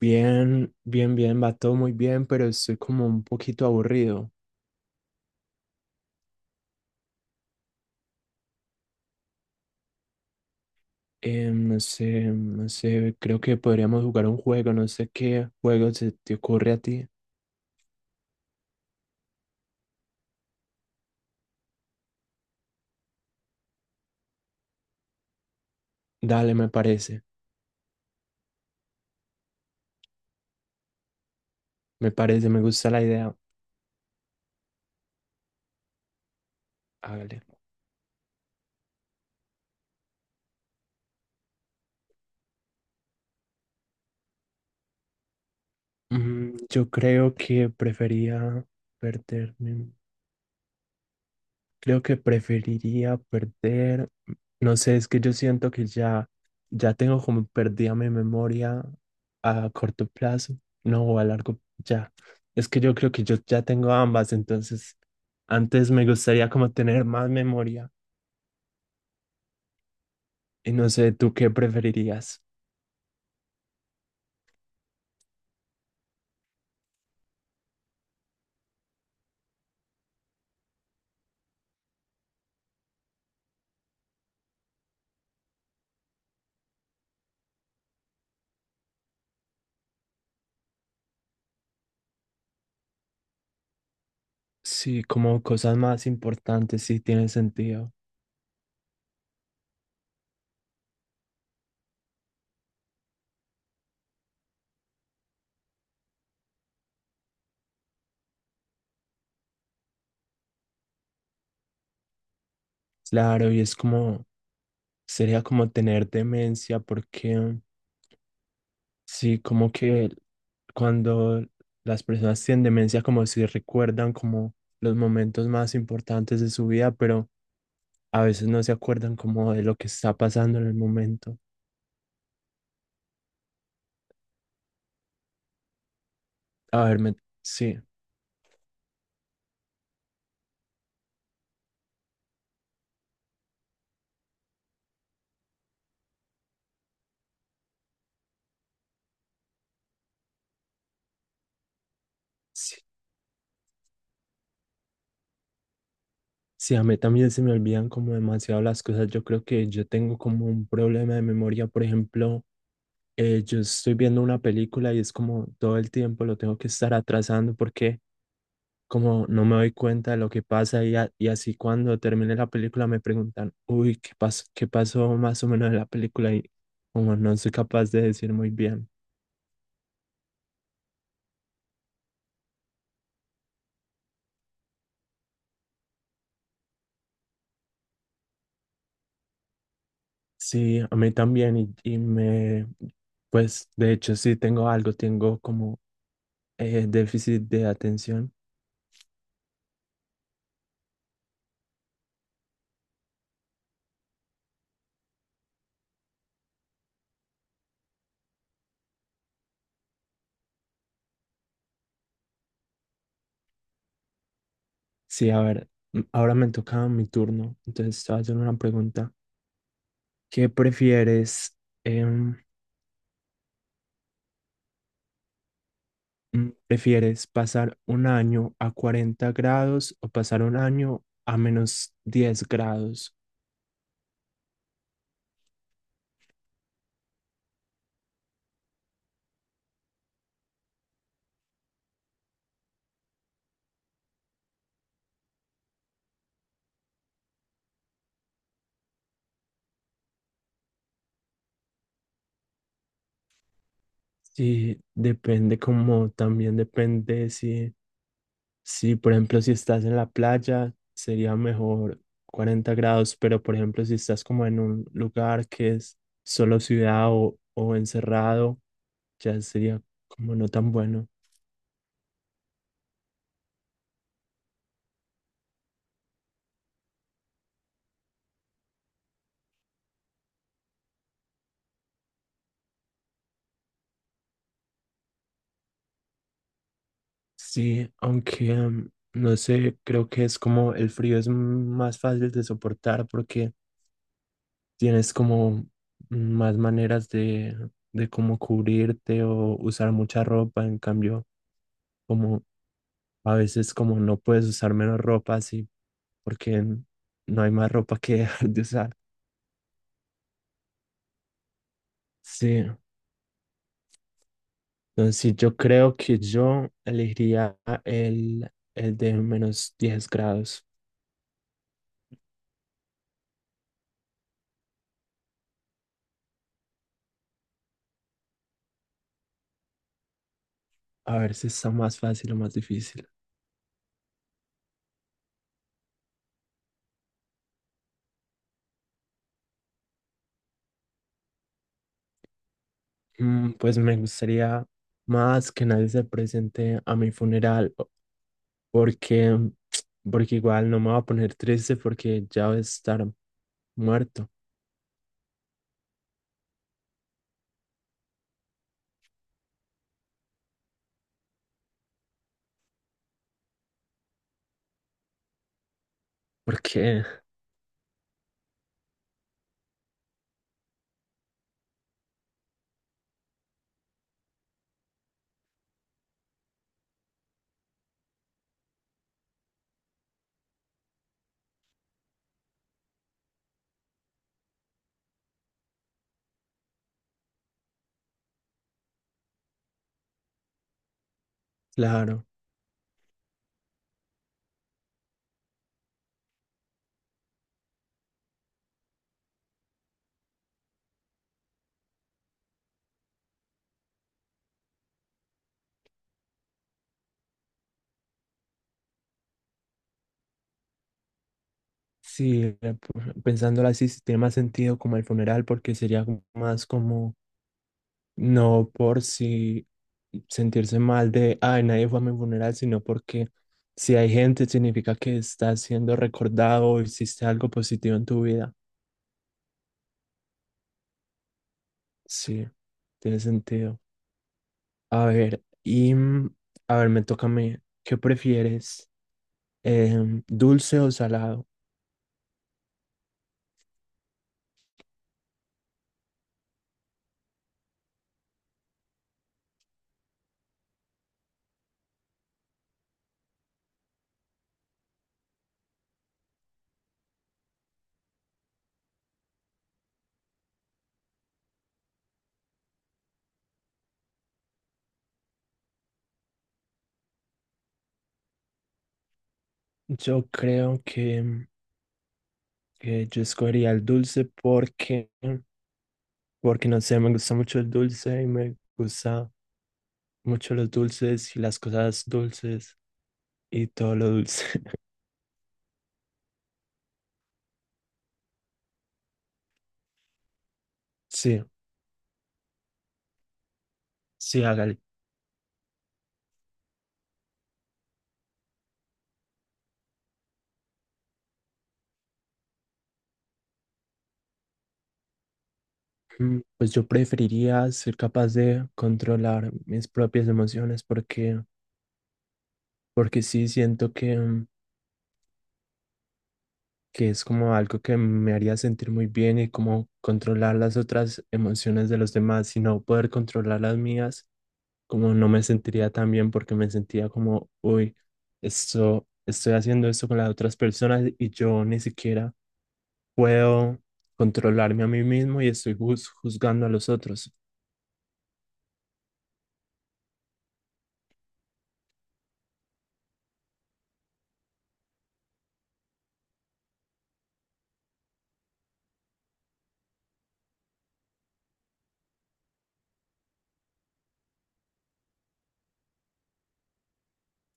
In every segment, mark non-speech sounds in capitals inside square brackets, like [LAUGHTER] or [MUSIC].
Bien, bien, bien, va todo muy bien, pero estoy como un poquito aburrido. No sé, creo que podríamos jugar un juego, no sé qué juego se te ocurre a ti. Dale, me parece, me parece, me gusta la idea. Hágale. Yo creo que prefería perderme. Creo que preferiría perder, no sé, es que yo siento que ya, ya tengo como perdida mi memoria a corto plazo, no, o a largo, ya. Es que yo creo que yo ya tengo ambas, entonces antes me gustaría como tener más memoria. Y no sé, ¿tú qué preferirías? Sí, como cosas más importantes, sí tiene sentido. Claro, y es como, sería como tener demencia, porque sí, como que cuando las personas tienen demencia, como si recuerdan como los momentos más importantes de su vida, pero a veces no se acuerdan como de lo que está pasando en el momento. A ver, sí, sí, sí, a mí también se me olvidan como demasiado las cosas. Yo creo que yo tengo como un problema de memoria. Por ejemplo, yo estoy viendo una película y es como todo el tiempo lo tengo que estar atrasando porque como no me doy cuenta de lo que pasa y así cuando termine la película me preguntan, uy, ¿qué pasó? ¿Qué pasó más o menos en la película? Y como no soy capaz de decir muy bien. Sí, a mí también y me, pues de hecho sí tengo algo, tengo como déficit de atención. Sí, a ver, ahora me toca mi turno, entonces te voy a hacer una pregunta. ¿Qué prefieres? em, ¿Prefieres pasar un año a 40 grados o pasar un año a -10 grados? Sí, depende como también depende si, si, por ejemplo, si estás en la playa, sería mejor 40 grados, pero por ejemplo, si estás como en un lugar que es solo ciudad o encerrado, ya sería como no tan bueno. Sí, aunque no sé, creo que es como el frío es más fácil de soportar porque tienes como más maneras de cómo cubrirte o usar mucha ropa, en cambio, como a veces como no puedes usar menos ropa así, porque no hay más ropa que [LAUGHS] dejar de usar. Sí, entonces yo creo que yo elegiría el de -10 grados, a ver si está más fácil o más difícil. Pues me gustaría más que nadie se presente a mi funeral porque, porque igual no me voy a poner triste porque ya voy a estar muerto. Porque, [LAUGHS] claro, sí, pensándolo así, sí tiene más sentido como el funeral, porque sería como más como, no por si sentirse mal de, ay, nadie fue a mi funeral, sino porque si hay gente, significa que estás siendo recordado o hiciste algo positivo en tu vida. Sí, tiene sentido. A ver, y a ver, me toca a mí. ¿Qué prefieres? Em, ¿dulce o salado? Yo creo que yo escogería el dulce porque, porque no sé, me gusta mucho el dulce y me gusta mucho los dulces y las cosas dulces y todo lo dulce. [LAUGHS] Sí, sí, hágale. Pues yo preferiría ser capaz de controlar mis propias emociones porque, porque sí siento que es como algo que me haría sentir muy bien y como controlar las otras emociones de los demás y no poder controlar las mías, como no me sentiría tan bien porque me sentía como, uy, esto, estoy haciendo esto con las otras personas y yo ni siquiera puedo controlarme a mí mismo y estoy juzgando a los otros.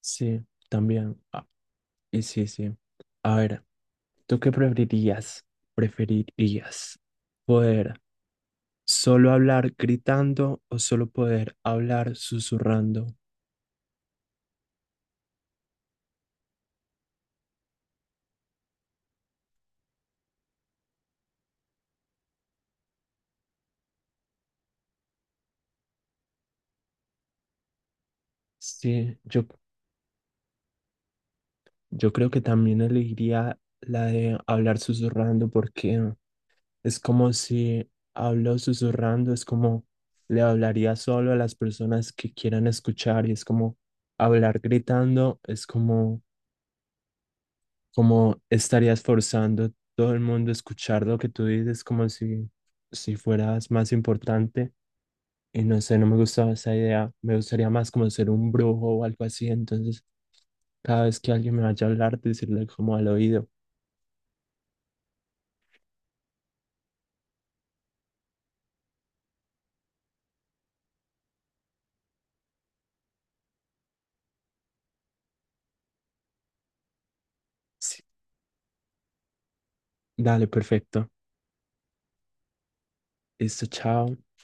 Sí, también. Ah, y sí, sí. A ver, ¿tú qué preferirías? ¿Preferirías poder solo hablar gritando o solo poder hablar susurrando? Sí, yo creo que también elegiría la de hablar susurrando porque es como si hablo susurrando, es como le hablaría solo a las personas que quieran escuchar y es como hablar gritando, es como, como estarías forzando a todo el mundo a escuchar lo que tú dices, como si, si fueras más importante. Y no sé, no me gustaba esa idea. Me gustaría más como ser un brujo o algo así. Entonces, cada vez que alguien me vaya a hablar, decirle como al oído. Sí, dale, perfecto. Listo, chao.